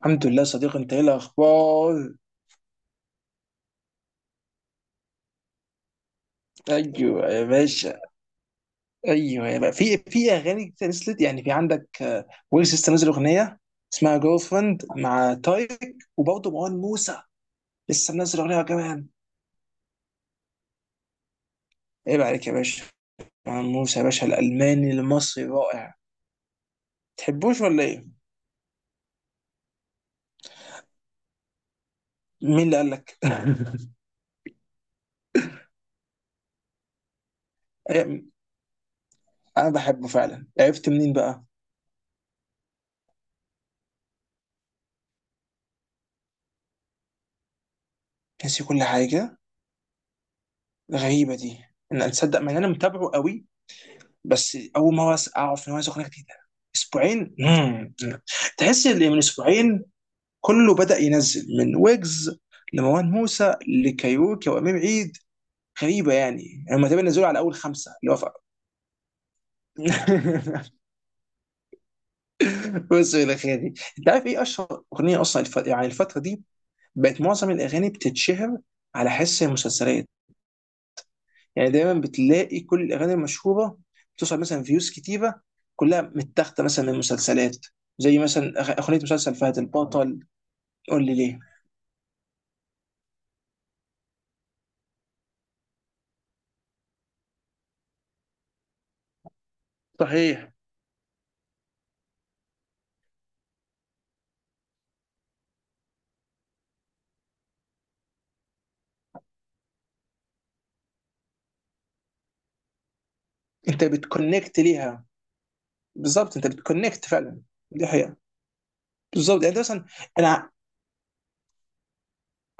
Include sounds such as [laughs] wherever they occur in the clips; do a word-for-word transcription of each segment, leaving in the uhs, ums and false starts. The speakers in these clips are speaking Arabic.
الحمد لله. صديق، انت ايه الاخبار؟ ايوه يا باشا. ايوه يا باشا، في في اغاني كتير نزلت، يعني في عندك. آه، ويجز لسه نازل اغنيه اسمها جيرل فريند مع تايك. وبرضه مروان موسى لسه منزل اغنيه كمان. عيب عليك يا باشا، مروان موسى يا باشا الالماني المصري رائع. تحبوش ولا ايه؟ مين اللي قال لك؟ [laughs] ايه، انا بحبه فعلا، عرفت منين بقى؟ ناسي كل حاجه. غريبه دي، ان انا تصدق مع ان انا متابعه قوي، بس اول مره أس- اعرف ان هو ينزل اغنيه جديده. اسبوعين. مم. تحس ان من اسبوعين كله بدا ينزل، من ويجز لمروان موسى لكايروكي وامير عيد. غريبه، يعني هم تقريبا نزلوا على اول خمسه اللي وافق. [laughs] بص الى خيري، انت عارف ايه اشهر اغنيه اصلا؟ الف... يعني الفتره دي بقت معظم الاغاني بتتشهر على حس المسلسلات. يعني دايما بتلاقي كل الاغاني المشهوره بتوصل مثلا فيوز كتيره، كلها متاخده مثلا من مسلسلات، زي مثلا أغ- اغنيه مسلسل فهد البطل. قول لي ليه. صحيح. انت بتكونكت ليها. بالظبط، انت بتكونكت فعلا. دي حقيقه. بالظبط، يعني انت مثلا، انا ع-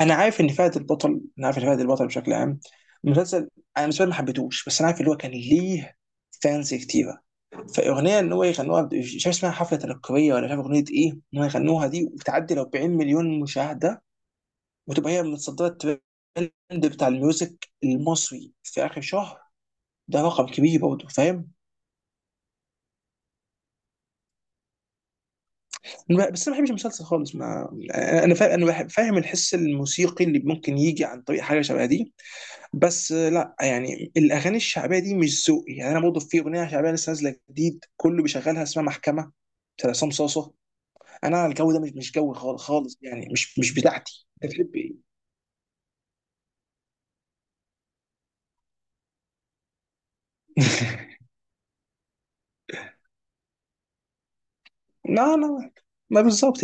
انا عارف ان فهد البطل، انا عارف ان فهد البطل بشكل عام المسلسل. انا بالنسبه لي ما حبيتهوش، بس انا عارف اللي هو كان ليه فانز كتيره. فاغنيه ان هو يغنوها، مش عارف اسمها حفله تنكريه ولا مش عارف اغنيه ايه، ان هو يغنوها دي وتعدي ال أربعين مليون مشاهده وتبقى هي من صدرات الترند بتاع الميوزك المصري في اخر شهر، ده رقم كبير برضه، فاهم. بس انا ما بحبش المسلسل خالص. ما انا أنا فاهم، انا بحب- فاهم الحس الموسيقي اللي ممكن يجي عن طريق حاجه شبه دي. بس آه، لا، يعني الاغاني الشعبيه دي مش ذوقي. يعني انا برضه في اغنيه شعبيه لسه نازله جديد كله بيشغلها اسمها محكمه بتاع عصام صاصه. انا الجو ده مش مش جوي خالص خالص، يعني مش مش بتاعتي. [laughs] انت بتحب ايه؟ [laughs] لا لا، ما بالظبط.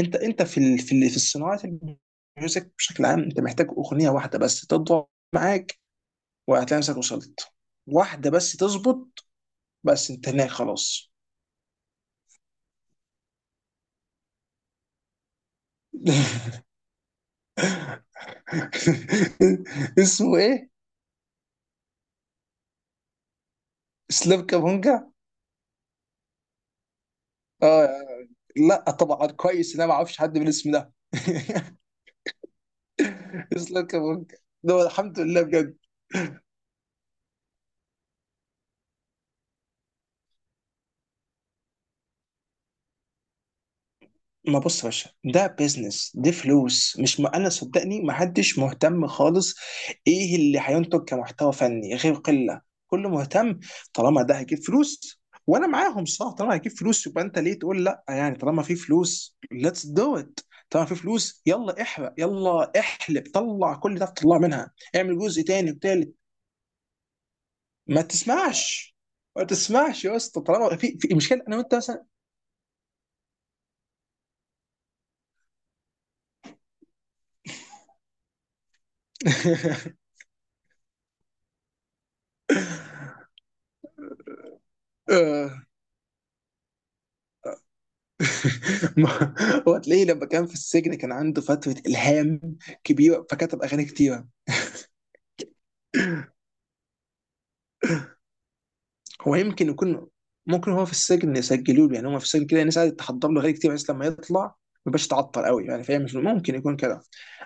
انت انت في ال... في ال... في الصناعه الميوزك بشكل عام، انت محتاج اغنيه واحده بس تضرب معاك وهتلاقي نفسك وصلت. واحده بس تظبط، بس انت هناك خلاص. [laughs] اسمه ايه؟ اسلام كابونجا؟ اه. لا، طبعا كويس ان انا ما اعرفش حد بالاسم ده. [laughs] اسلام كابونجا، ده هو الحمد لله بجد. ما بص يا باشا، ده بيزنس، دي فلوس، مش ما انا صدقني ما حدش مهتم خالص. ايه اللي هينتج كمحتوى فني غير قله؟ كله مهتم طالما ده هيجيب فلوس. وانا معاهم، صح؟ طالما هيجيب فلوس يبقى انت ليه تقول لا؟ يعني طالما في فلوس، ليتس دو ات. طالما في فلوس، يلا احرق، يلا احلب، طلع كل ده، تطلع منها، اعمل جزء تاني وتالت. ما تسمعش، ما تسمعش يا اسطى، طالما في في مشكله، انا وانت مثلا. [laughs] ما- هو تلاقيه لما كان في السجن كان عنده فترة إلهام كبيرة، فكتب أغاني كتيرة. هو يمكن يكون، ممكن هو في السجن يسجلوا له، يعني هو في السجن كده الناس قاعدة تحضر له أغاني كتير، بس لما يطلع ما يبقاش تعطل قوي، يعني فهي مش ممكن يكون كده.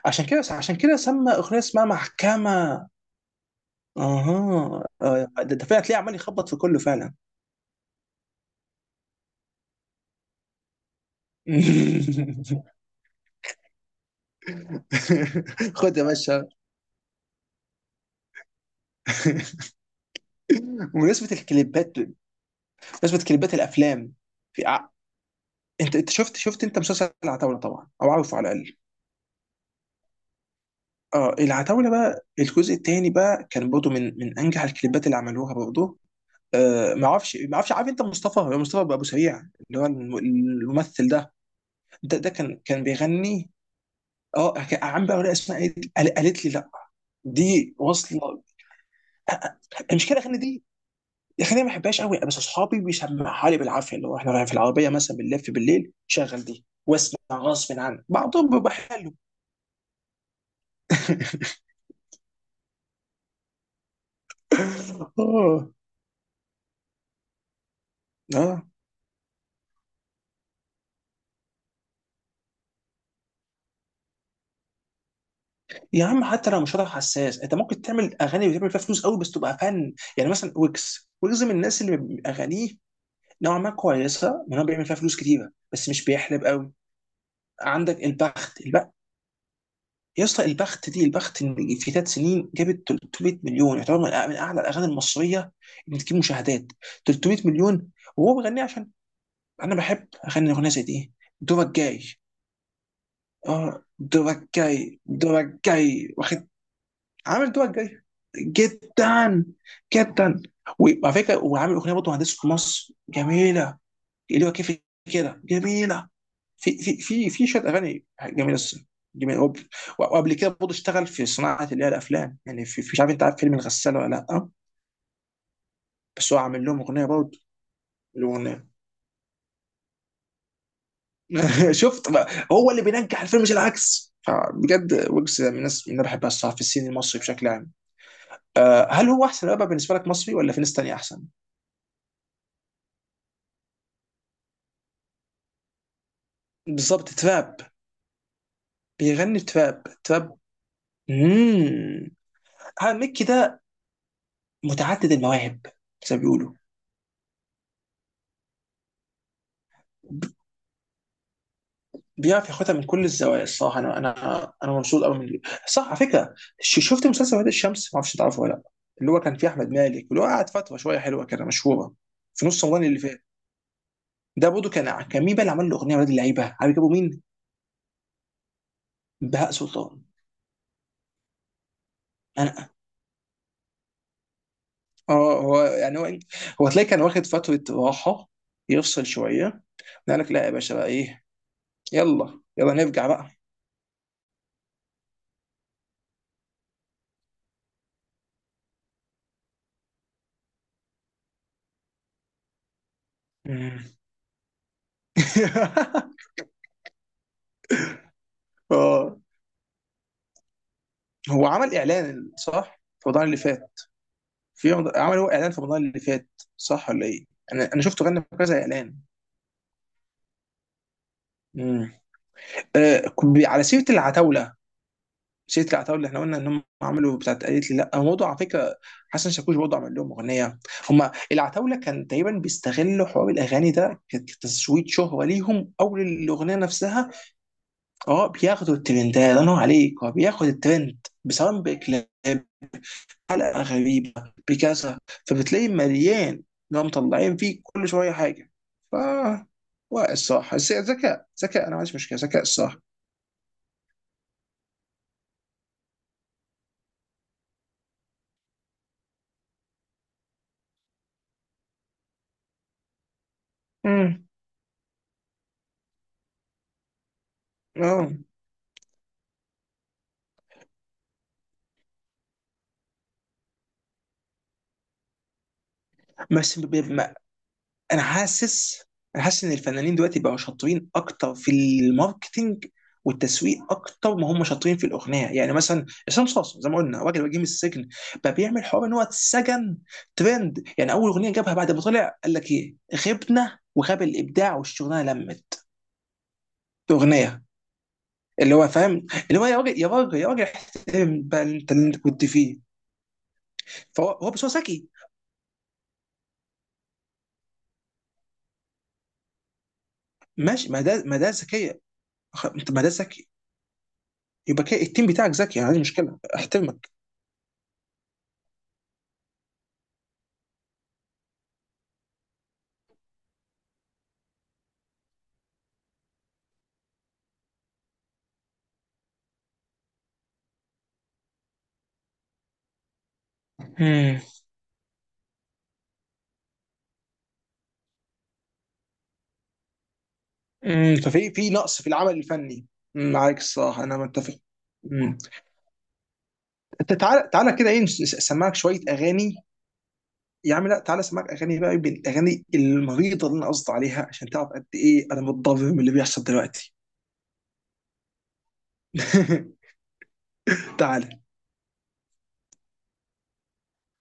عشان كده عشان كده سمى أغنية اسمها محكمة. اها، آه، ده ده فعلا تلاقيه عمال يخبط في كله فعلا. [laughs] خد يا باشا. [laughs] بمناسبة الكليبات، بمناسبة كليبات الأفلام. في، انت انت شفت شفت انت مسلسل العتاوله طبعا او عارفه على الاقل؟ اه، العتاوله بقى، الجزء الثاني بقى كان برضه من من انجح الكليبات اللي عملوها برضه. آه، ما اعرفش ما اعرفش. عارف انت مصطفى مصطفى ابو سريع اللي هو الم- الممثل ده؟ ده, ده كان كان بيغني. اه كان عم بقى ولا اسمها ايه دي؟ قال- قالت لي لا. دي واصله. آه، آه، المشكله الاغاني دي. الاغاني ما بحبهاش قوي، بس اصحابي بيسمعها لي بالعافيه، اللي هو احنا رايحين في العربيه مثلا، بنلف بالليل شغل دي واسمع غصب عني، بعضهم بيبقى حلو. [laughs] اه، اه يا عم، حتى لو مش هتعرف حساس، انت ممكن تعمل اغاني بتعمل فيها فلوس قوي بس تبقى فن. يعني مثلا ويجز، ويجز من الناس اللي بيبقى اغانيه نوعا ما كويسه، من هو بيعمل فيها فلوس كتيره بس مش بيحلب قوي. عندك البخت، البخت يا اسطى. البخت دي البخت إن في ثلاث سنين جابت ثلاث مية مليون، يعتبر من أع- من اعلى الاغاني المصريه اللي بتجيب مشاهدات ثلاثمئة مليون. وهو بيغنيها، عشان انا بحب اغني اغنيه زي دي. دورك جاي. اه، دورك جاي، دورك جاي، واخد، عامل الدول الجايه. جدا جدا. وعلى فكره، وعامل اغنيه برضه مهندس في مصر جميله، اللي هو كيف، كده جميله. في في في في شويه اغاني جميله الصراحه، جميله. وب- وقبل كده برضه اشتغل في صناعه اللي هي الافلام، يعني في في- مش عارف انت عارف فيلم الغساله ولا لا؟ بس هو عامل لهم اغنيه برضه، الاغنيه. [laughs] شفت بقى، هو اللي بينجح الفيلم مش العكس. فبجد ويجز من الناس اللي انا بحبها الصراحه في السين المصري بشكل عام. آه، هل هو احسن رابر بالنسبه لك مصري، ولا في ناس تانية احسن؟ بالظبط، تراب. بيغني تراب تراب. اممم هذا ميكي ده متعدد المواهب، زي ما بيقولوا. ب- بيعرف ياخدها من كل الزوايا الصراحه. انا انا انا مبسوط قوي من اللي- صح على فكره، ش- شفت مسلسل وادي الشمس؟ ما اعرفش تعرفه ولا لا، اللي هو كان فيه احمد مالك اللي هو قعد فتره شويه حلوه كده مشهوره في نص رمضان اللي فات. ده برضه كان، كان مين بقى اللي عمل له اغنيه ولاد اللعيبه؟ عارف جابوا مين؟ بهاء سلطان. انا، اه، هو يعني هو هو تلاقي كان واخد فتره راحه، يفصل شويه، قال لك لا يا باشا بقى، ايه، يلا يلا نرجع بقى. مم. [laughs] آه. هو عمل اعلان صح في رمضان اللي فات؟ في رمضان... عمل هو اعلان في رمضان اللي فات صح ولا ايه؟ انا انا شفته غنى في كذا اعلان. مم. آه ب- على سيره العتاوله، سيره العتاوله اللي احنا قلنا ان هم عملوا بتاعت قالت لي لا، هو موضوع على فكره حسن شاكوش برضه عمل لهم اغنيه. هم العتاوله كان تقريبا بيستغلوا حوار الاغاني ده كتسويت شهره ليهم او للاغنيه نفسها. اه بياخدوا الترند ده، الله ينور عليك، هو بياخد الترند بسواء بكلاب، حلقه غريبه، بكذا. فبتلاقي مليان اللي هم مطلعين فيه كل شويه حاجه. ف واقع الصح، بس ذكاء، ذكاء، انا ما عنديش مشكله ذكاء الصح. امم اه، بس انا حاسس انا حاسس ان الفنانين دلوقتي بقوا شاطرين اكتر في الماركتينج والتسويق اكتر ما هم شاطرين في الاغنيه. يعني مثلا عصام صاصا، زي ما قلنا راجل وجيه من السجن، بقى بيعمل حوار ان هو اتسجن، ترند. يعني اول اغنيه جابها بعد ما طلع قال لك ايه؟ غبنا وغاب الابداع والشغلانه لمت، اغنيه. اللي هو فاهم اللي هو، يا راجل يا راجل يا راجل احترم بقى انت اللي انت كنت فيه. فهو هو بس هو ذكي. ماشي، ما ده ما ده ذكيه. خ- ما ده ذكي، يبقى كده التيم بتاعك ذكي، يعني عندي مشكله احترمك. امم. امم ففي في نقص في العمل الفني. مم، معاك الصراحه انا متفق. امم. انت، تعالى تعالى كده ايه، نس- اسمعك شويه اغاني، يا عم لا، تعالى اسمعك اغاني بقى من الاغاني المريضه اللي انا قصدي عليها عشان تعرف قد ايه انا متضرر من اللي بيحصل دلوقتي. [laughs] تعالى.